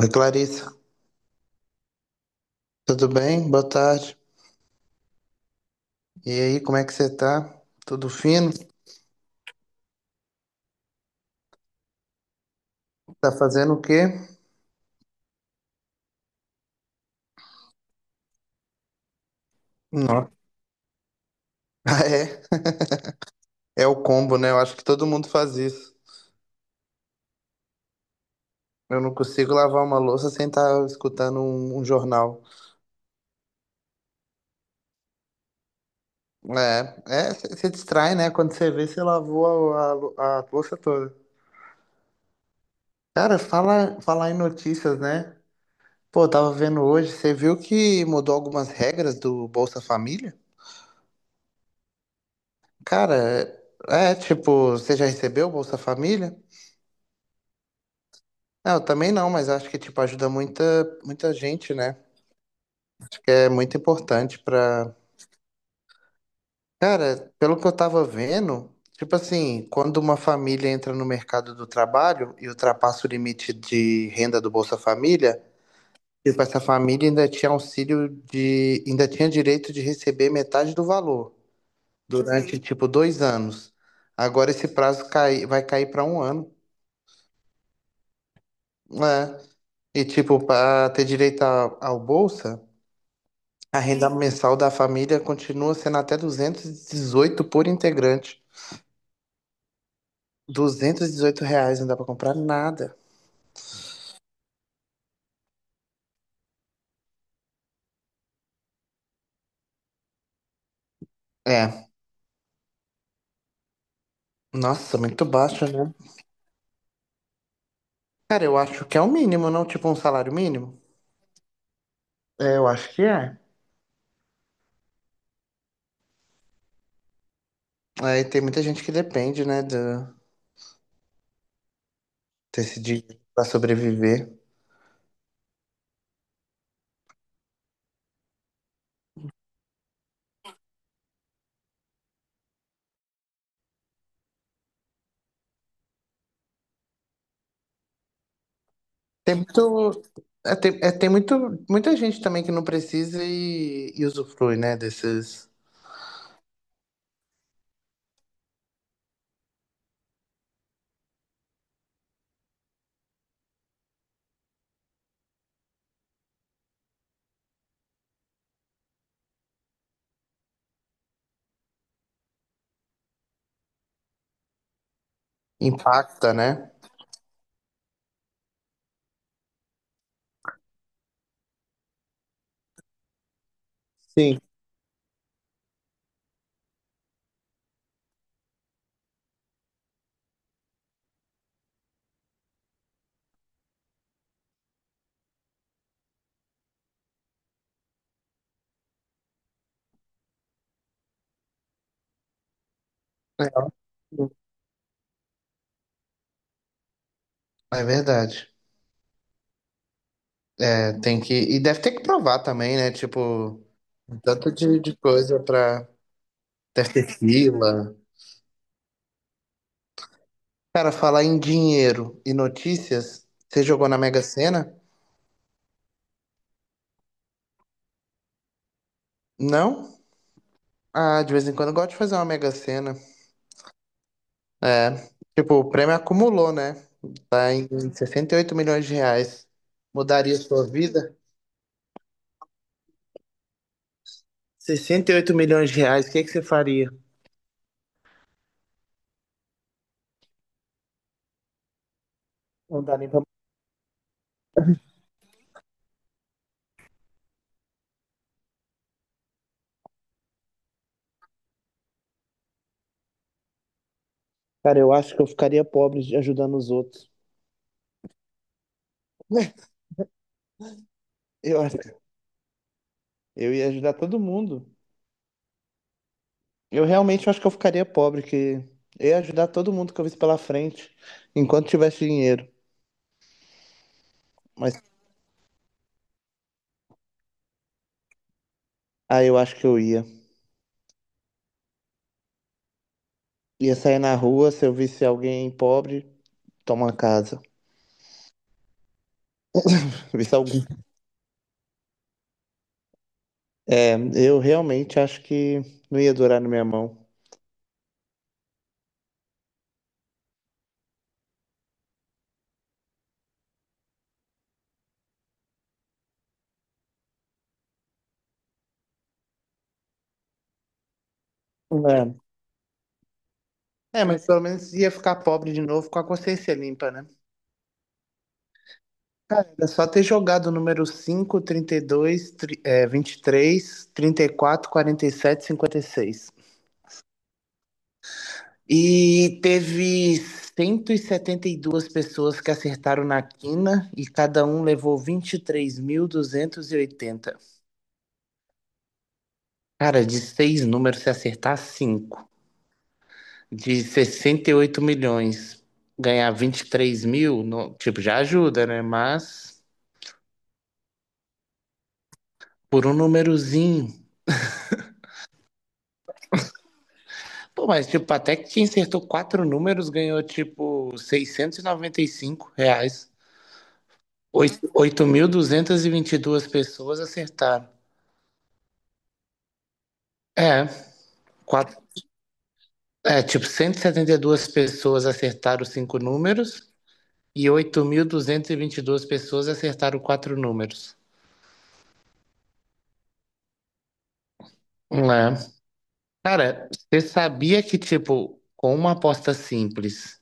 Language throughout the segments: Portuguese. Oi, Clarissa, tudo bem? Boa tarde. E aí, como é que você tá? Tudo fino? Tá fazendo o quê? Nossa. Ah, é? É o combo, né? Eu acho que todo mundo faz isso. Eu não consigo lavar uma louça sem estar escutando um jornal. É, é, você distrai, né? Quando você vê, você lavou a louça toda. Cara, falar em notícias, né? Pô, eu tava vendo hoje, você viu que mudou algumas regras do Bolsa Família? Cara, é, tipo, você já recebeu o Bolsa Família? Não, eu também não, mas acho que tipo ajuda muita muita gente, né? Acho que é muito importante pra. Cara, pelo que eu tava vendo, tipo assim, quando uma família entra no mercado do trabalho e ultrapassa o limite de renda do Bolsa Família, tipo essa família ainda tinha auxílio ainda tinha direito de receber metade do valor durante, uhum, tipo 2 anos. Agora esse prazo cai, vai cair pra um ano, né? E tipo para ter direito ao Bolsa. A renda mensal da família continua sendo até 218 por integrante. R$ 218 não dá pra comprar nada. É, nossa, muito baixo, né? Cara, eu acho que é o mínimo, não? Tipo um salário mínimo? É, eu acho que é. Aí tem muita gente que depende, né, desse dinheiro pra sobreviver. Tem muito, é, tem muito, muita gente também que não precisa e usufrui, né, desses... Impacta, né? Sim. É é verdade. É, tem que. E deve ter que provar também, né? Tipo, um tanto de coisa pra. Deve ter fila. Cara, falar em dinheiro e notícias, você jogou na Mega Sena? Não? Ah, de vez em quando eu gosto de fazer uma Mega Sena. É. Tipo, o prêmio acumulou, né? Tá em 68 milhões de reais. Mudaria sua vida? 68 milhões de reais, o que que você faria? Não dá nem pra... Cara, eu acho que eu ficaria pobre ajudando os outros. Eu acho que eu ia ajudar todo mundo. Eu realmente acho que eu ficaria pobre, que eu ia ajudar todo mundo que eu visse pela frente, enquanto tivesse dinheiro. Mas aí eu acho que eu ia. Ia sair na rua, se eu visse alguém pobre, toma casa. Visse alguém. Eu realmente acho que não ia durar na minha mão. É. É, mas pelo menos ia ficar pobre de novo com a consciência limpa, né? É só ter jogado o número cinco, trinta e 32, vinte e três, 34, 47, 56. E teve cento e setenta e duas pessoas que acertaram na quina e cada um levou vinte e três mil duzentos e oitenta. Cara, de seis números, se acertar cinco, de 68 milhões, ganhar 23 mil, tipo, já ajuda, né? Mas por um númerozinho. Pô, mas tipo, até que quem acertou quatro números ganhou, tipo, seiscentos e noventa e cinco reais. Oito- mil duzentos e vinte e duas pessoas acertaram. É, é, tipo, cento e setenta e duas pessoas acertaram cinco números e 8.222 pessoas acertaram quatro números. É. Cara, você sabia que, tipo, com uma aposta simples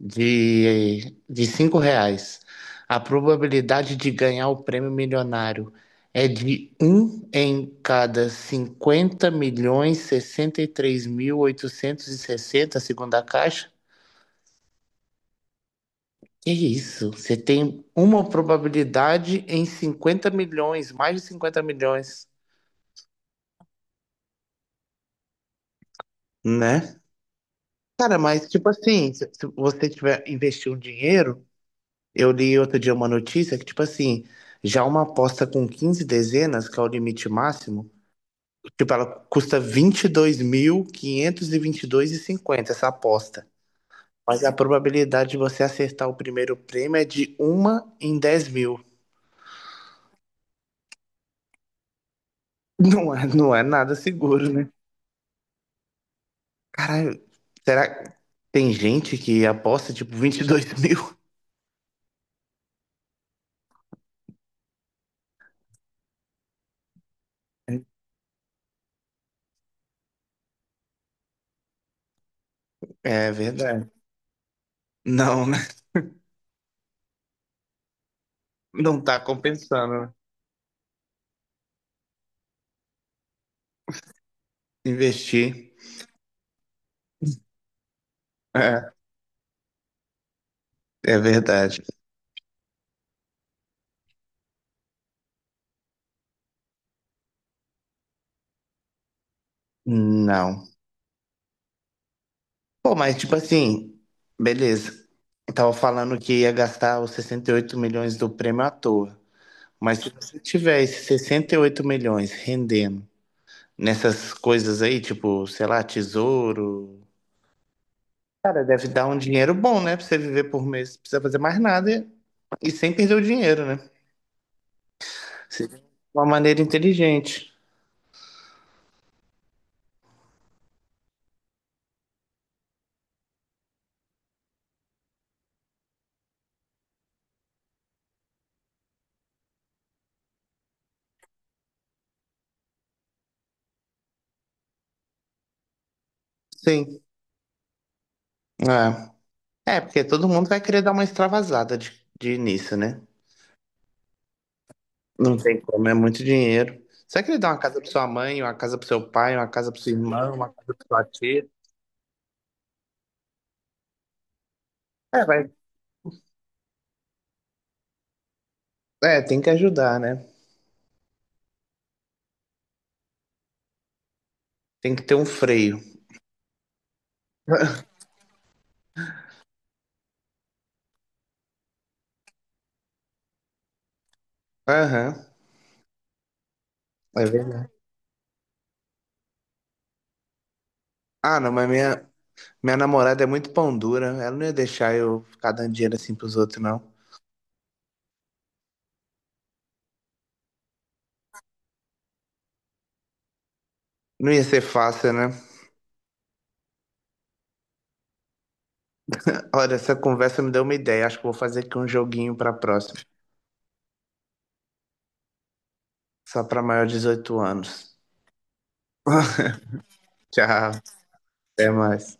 de R$ 5, a probabilidade de ganhar o prêmio milionário é de um em cada 50 milhões 63.860, segundo a Caixa? Que isso? Você tem uma probabilidade em 50 milhões, mais de 50 milhões, né? Cara, mas tipo assim, se você tiver investir um dinheiro, eu li outro dia uma notícia que tipo assim, já uma aposta com 15 dezenas, que é o limite máximo, tipo ela custa 22.522,50 essa aposta. Mas a probabilidade de você acertar o primeiro prêmio é de uma em 10 mil. Não é, não é nada seguro, né? Caralho, será que tem gente que aposta tipo 22 mil? É verdade. Não, né? Não tá compensando, né? Investir. É, é verdade. Não. Pô, mas tipo assim, beleza. Eu tava falando que ia gastar os 68 milhões do prêmio à toa. Mas se você tiver esses 68 milhões rendendo nessas coisas aí, tipo, sei lá, tesouro. Cara, deve dar um dinheiro bom, né? Pra você viver por mês. Não precisa fazer mais nada. E sem perder o dinheiro, né? Sim. De uma maneira inteligente. Sim. É. É, porque todo mundo vai querer dar uma extravasada de início, né? Não tem como, é muito dinheiro. Você vai querer dar uma casa pra sua mãe, uma casa pro seu pai, uma casa pro seu irmão, uma cacheta. É, vai. É, tem que ajudar, né? Tem que ter um freio. Aham, é verdade. Ah, não, mas minha namorada é muito pão dura. Ela não ia deixar eu ficar dando dinheiro assim pros outros, não. Não ia ser fácil, né? Olha, essa conversa me deu uma ideia. Acho que vou fazer aqui um joguinho pra próxima. Só pra maior de 18 anos. Tchau. Até mais.